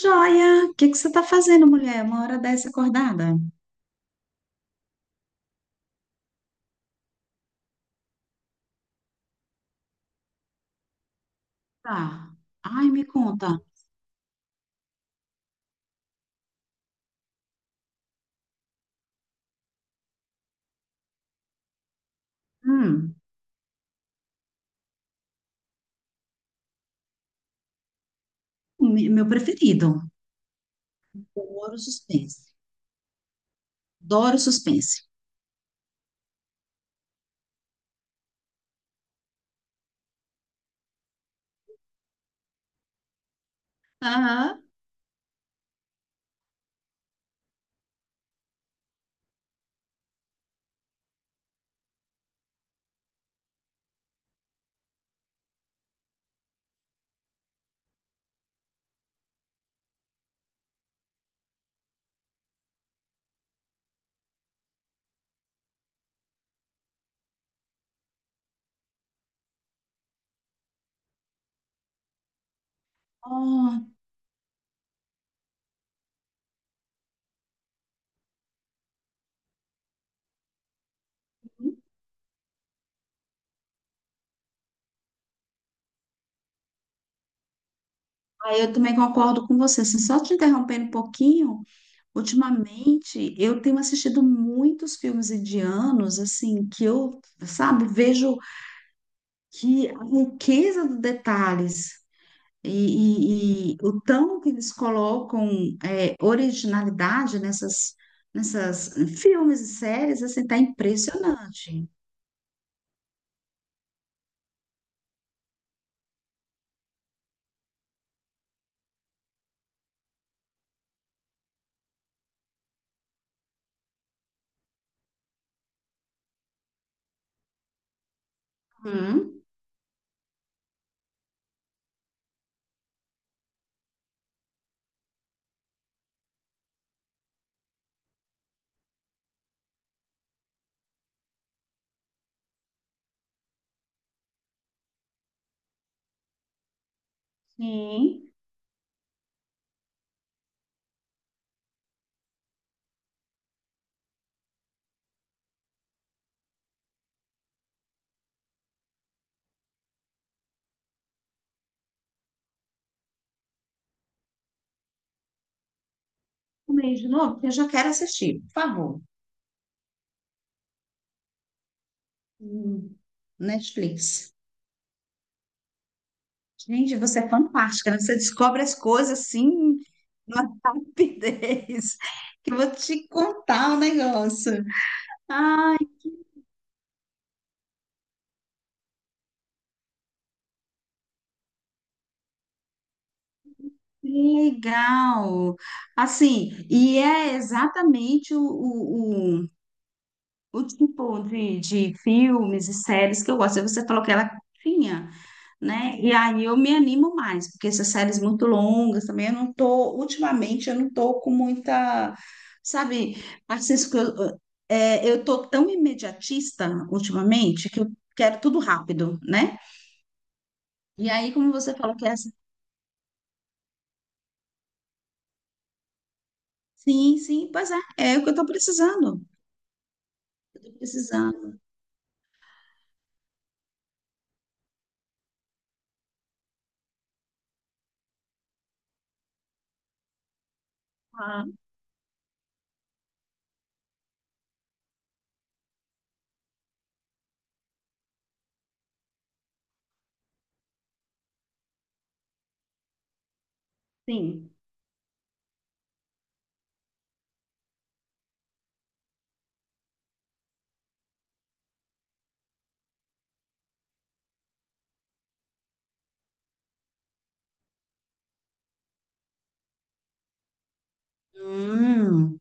Joia, o que que você está fazendo, mulher? Uma hora dessa acordada? Tá. Ai, me conta. Hum, meu preferido. Adoro suspense. Adoro suspense. Aham. Ó. Aí eu também concordo com você. Assim, só te interrompendo um pouquinho, ultimamente eu tenho assistido muitos filmes indianos, assim, vejo que a riqueza dos detalhes. E o tão que eles colocam originalidade nessas filmes e séries, assim, tá impressionante. Hum, sim. Comi de novo, porque eu já quero assistir, por favor. Hum, Netflix. Gente, você é fantástica, né? Você descobre as coisas assim, numa rapidez, que eu vou te contar o negócio. Ah. Legal. Assim, e é exatamente o tipo de filmes e séries que eu gosto. Você falou que ela tinha, né? E aí eu me animo mais, porque essas séries muito longas também, eu não tô, ultimamente, eu não tô com muita, sabe, Francisco, eu tô tão imediatista ultimamente que eu quero tudo rápido, né? E aí, como você falou que essa, sim, sim, pois é, é o que eu tô precisando. Eu tô precisando. Ah, sim. Hum,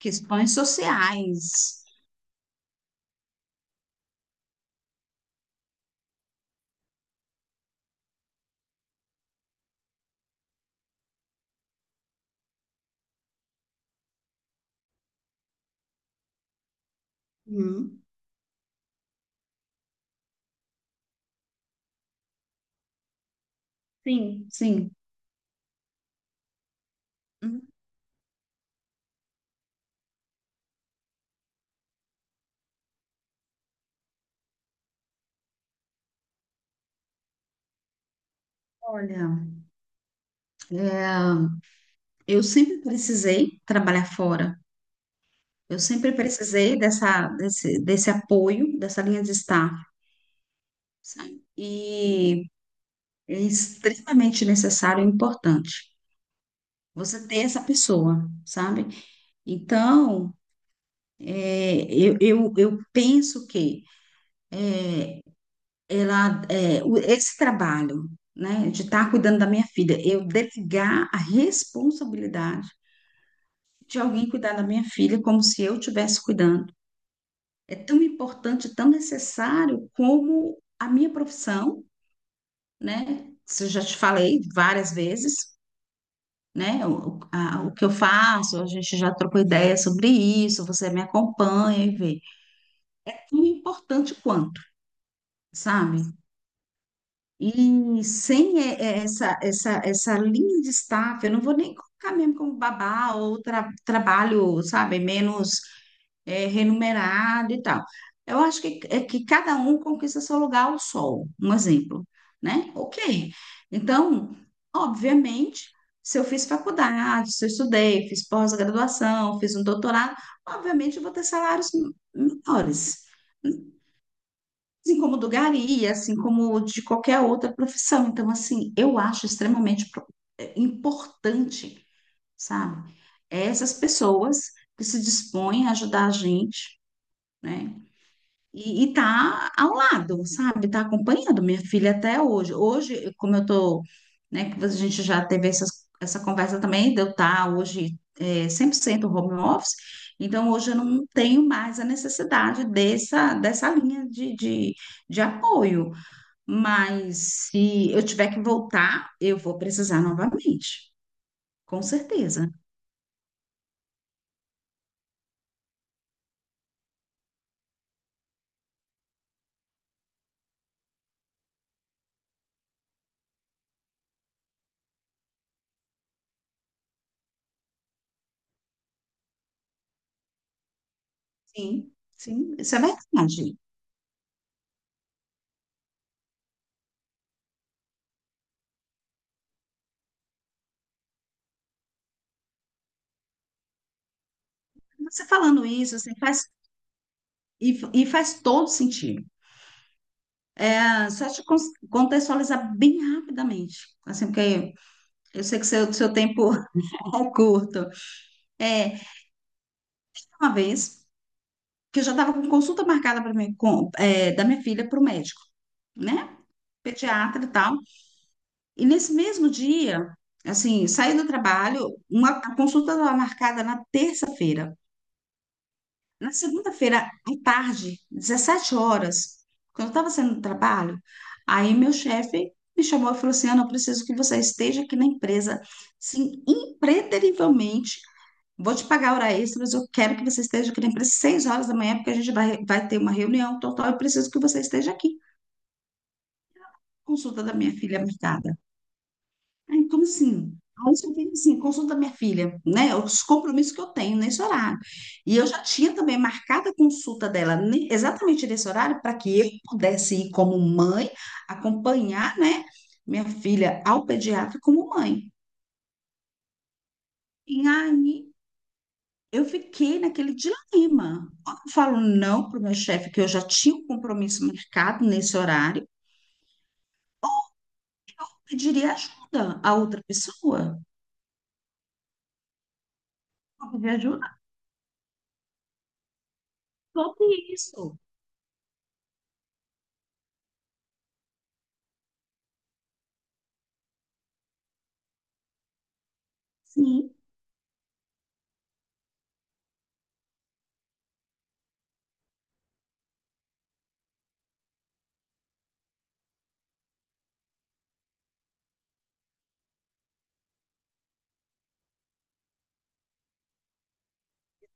questões sociais. Hum, sim. Sim. Hum. Olha, é, eu sempre precisei trabalhar fora. Eu sempre precisei desse apoio, dessa linha de estar, sabe? E é extremamente necessário e importante você ter essa pessoa, sabe? Então, eu penso que esse trabalho, né, de estar cuidando da minha filha, eu delegar a responsabilidade de alguém cuidar da minha filha como se eu estivesse cuidando. É tão importante, tão necessário como a minha profissão, né? Isso eu já te falei várias vezes, né? O que eu faço, a gente já trocou ideia sobre isso, você me acompanha e vê. É tão importante quanto, sabe? E sem essa linha de staff, eu não vou nem colocar mesmo como babá ou trabalho, sabe, menos remunerado e tal. Eu acho que, é que cada um conquista seu lugar ao sol, um exemplo, né? Ok. Então, obviamente, se eu fiz faculdade, se eu estudei, fiz pós-graduação, fiz um doutorado, obviamente eu vou ter salários menores, assim como do gari, assim como de qualquer outra profissão. Então, assim, eu acho extremamente importante, sabe? Essas pessoas que se dispõem a ajudar a gente, né? E tá ao lado, sabe? Tá acompanhando minha filha até hoje. Hoje, como eu tô, né, que a gente já teve essa conversa também, de eu tá hoje 100% home office, então hoje eu não tenho mais a necessidade dessa linha de apoio. Mas se eu tiver que voltar, eu vou precisar novamente, com certeza. Sim, sim, isso é verdade. Você falando isso, assim, e faz todo sentido. Ah, só te contextualizar bem rapidamente, assim, porque eu sei que seu tempo é curto. É, uma vez que eu já estava com consulta marcada para mim, com, é, da minha filha para o médico, né? Pediatra e tal. E nesse mesmo dia, assim, saí do trabalho, uma, a consulta estava marcada na terça-feira. Na segunda-feira, à tarde, 17 horas, quando eu estava saindo do trabalho, aí meu chefe me chamou e falou assim, Ana, eu preciso que você esteja aqui na empresa, sim, impreterivelmente, vou te pagar hora extra, mas eu quero que você esteja aqui na empresa às 6 horas da manhã, porque a gente vai ter uma reunião total, eu preciso que você esteja aqui. Consulta da minha filha marcada. Aí, como assim? Aí só tem assim, consulta da minha filha, né? Os compromissos que eu tenho nesse horário. E eu já tinha também marcado a consulta dela exatamente nesse horário para que eu pudesse ir como mãe, acompanhar, né, minha filha ao pediatra como mãe. E aí eu fiquei naquele dilema. Ou eu falo não para o meu chefe, que eu já tinha um compromisso marcado nesse horário, eu pediria ajuda a outra pessoa. Eu pediria ajuda sobre isso. Sim,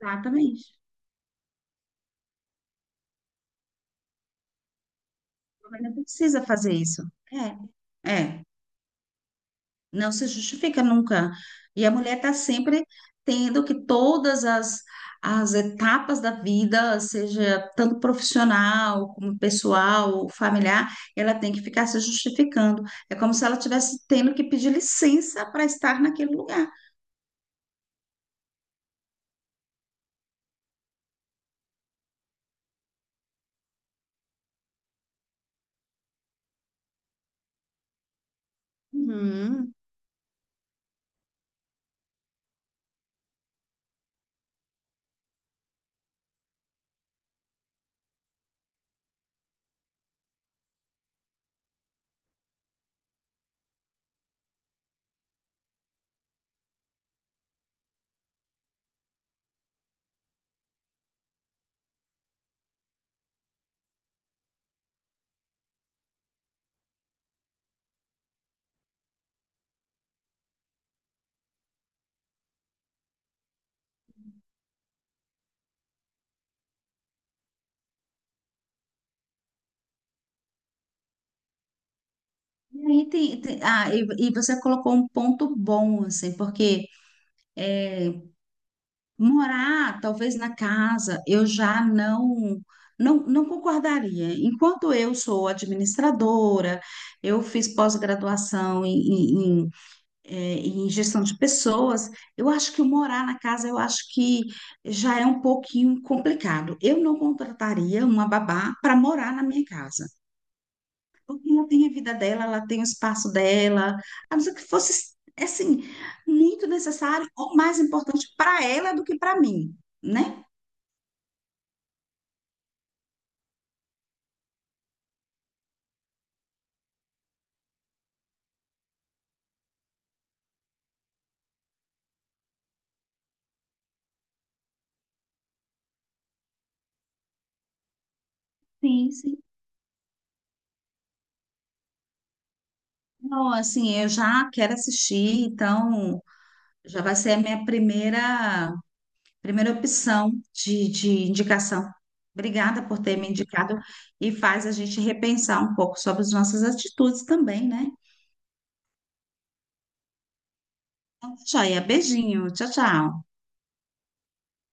exatamente. O governo precisa fazer isso. É, é. Não se justifica nunca. E a mulher está sempre tendo que todas as, as etapas da vida, seja tanto profissional como pessoal, familiar, ela tem que ficar se justificando. É como se ela tivesse tendo que pedir licença para estar naquele lugar. Uhum. E aí e você colocou um ponto bom, assim, porque morar, talvez na casa, eu já não concordaria. Enquanto eu sou administradora, eu fiz pós-graduação em gestão de pessoas, eu acho que o morar na casa, eu acho que já é um pouquinho complicado. Eu não contrataria uma babá para morar na minha casa. Porque ela tem a vida dela, ela tem o espaço dela, a não ser que fosse, assim, muito necessário ou mais importante para ela do que para mim, né? Sim, sim. Não, assim, eu já quero assistir, então já vai ser a minha primeira, primeira opção de indicação. Obrigada por ter me indicado e faz a gente repensar um pouco sobre as nossas atitudes também, né? Então, joia, beijinho, tchau, tchau.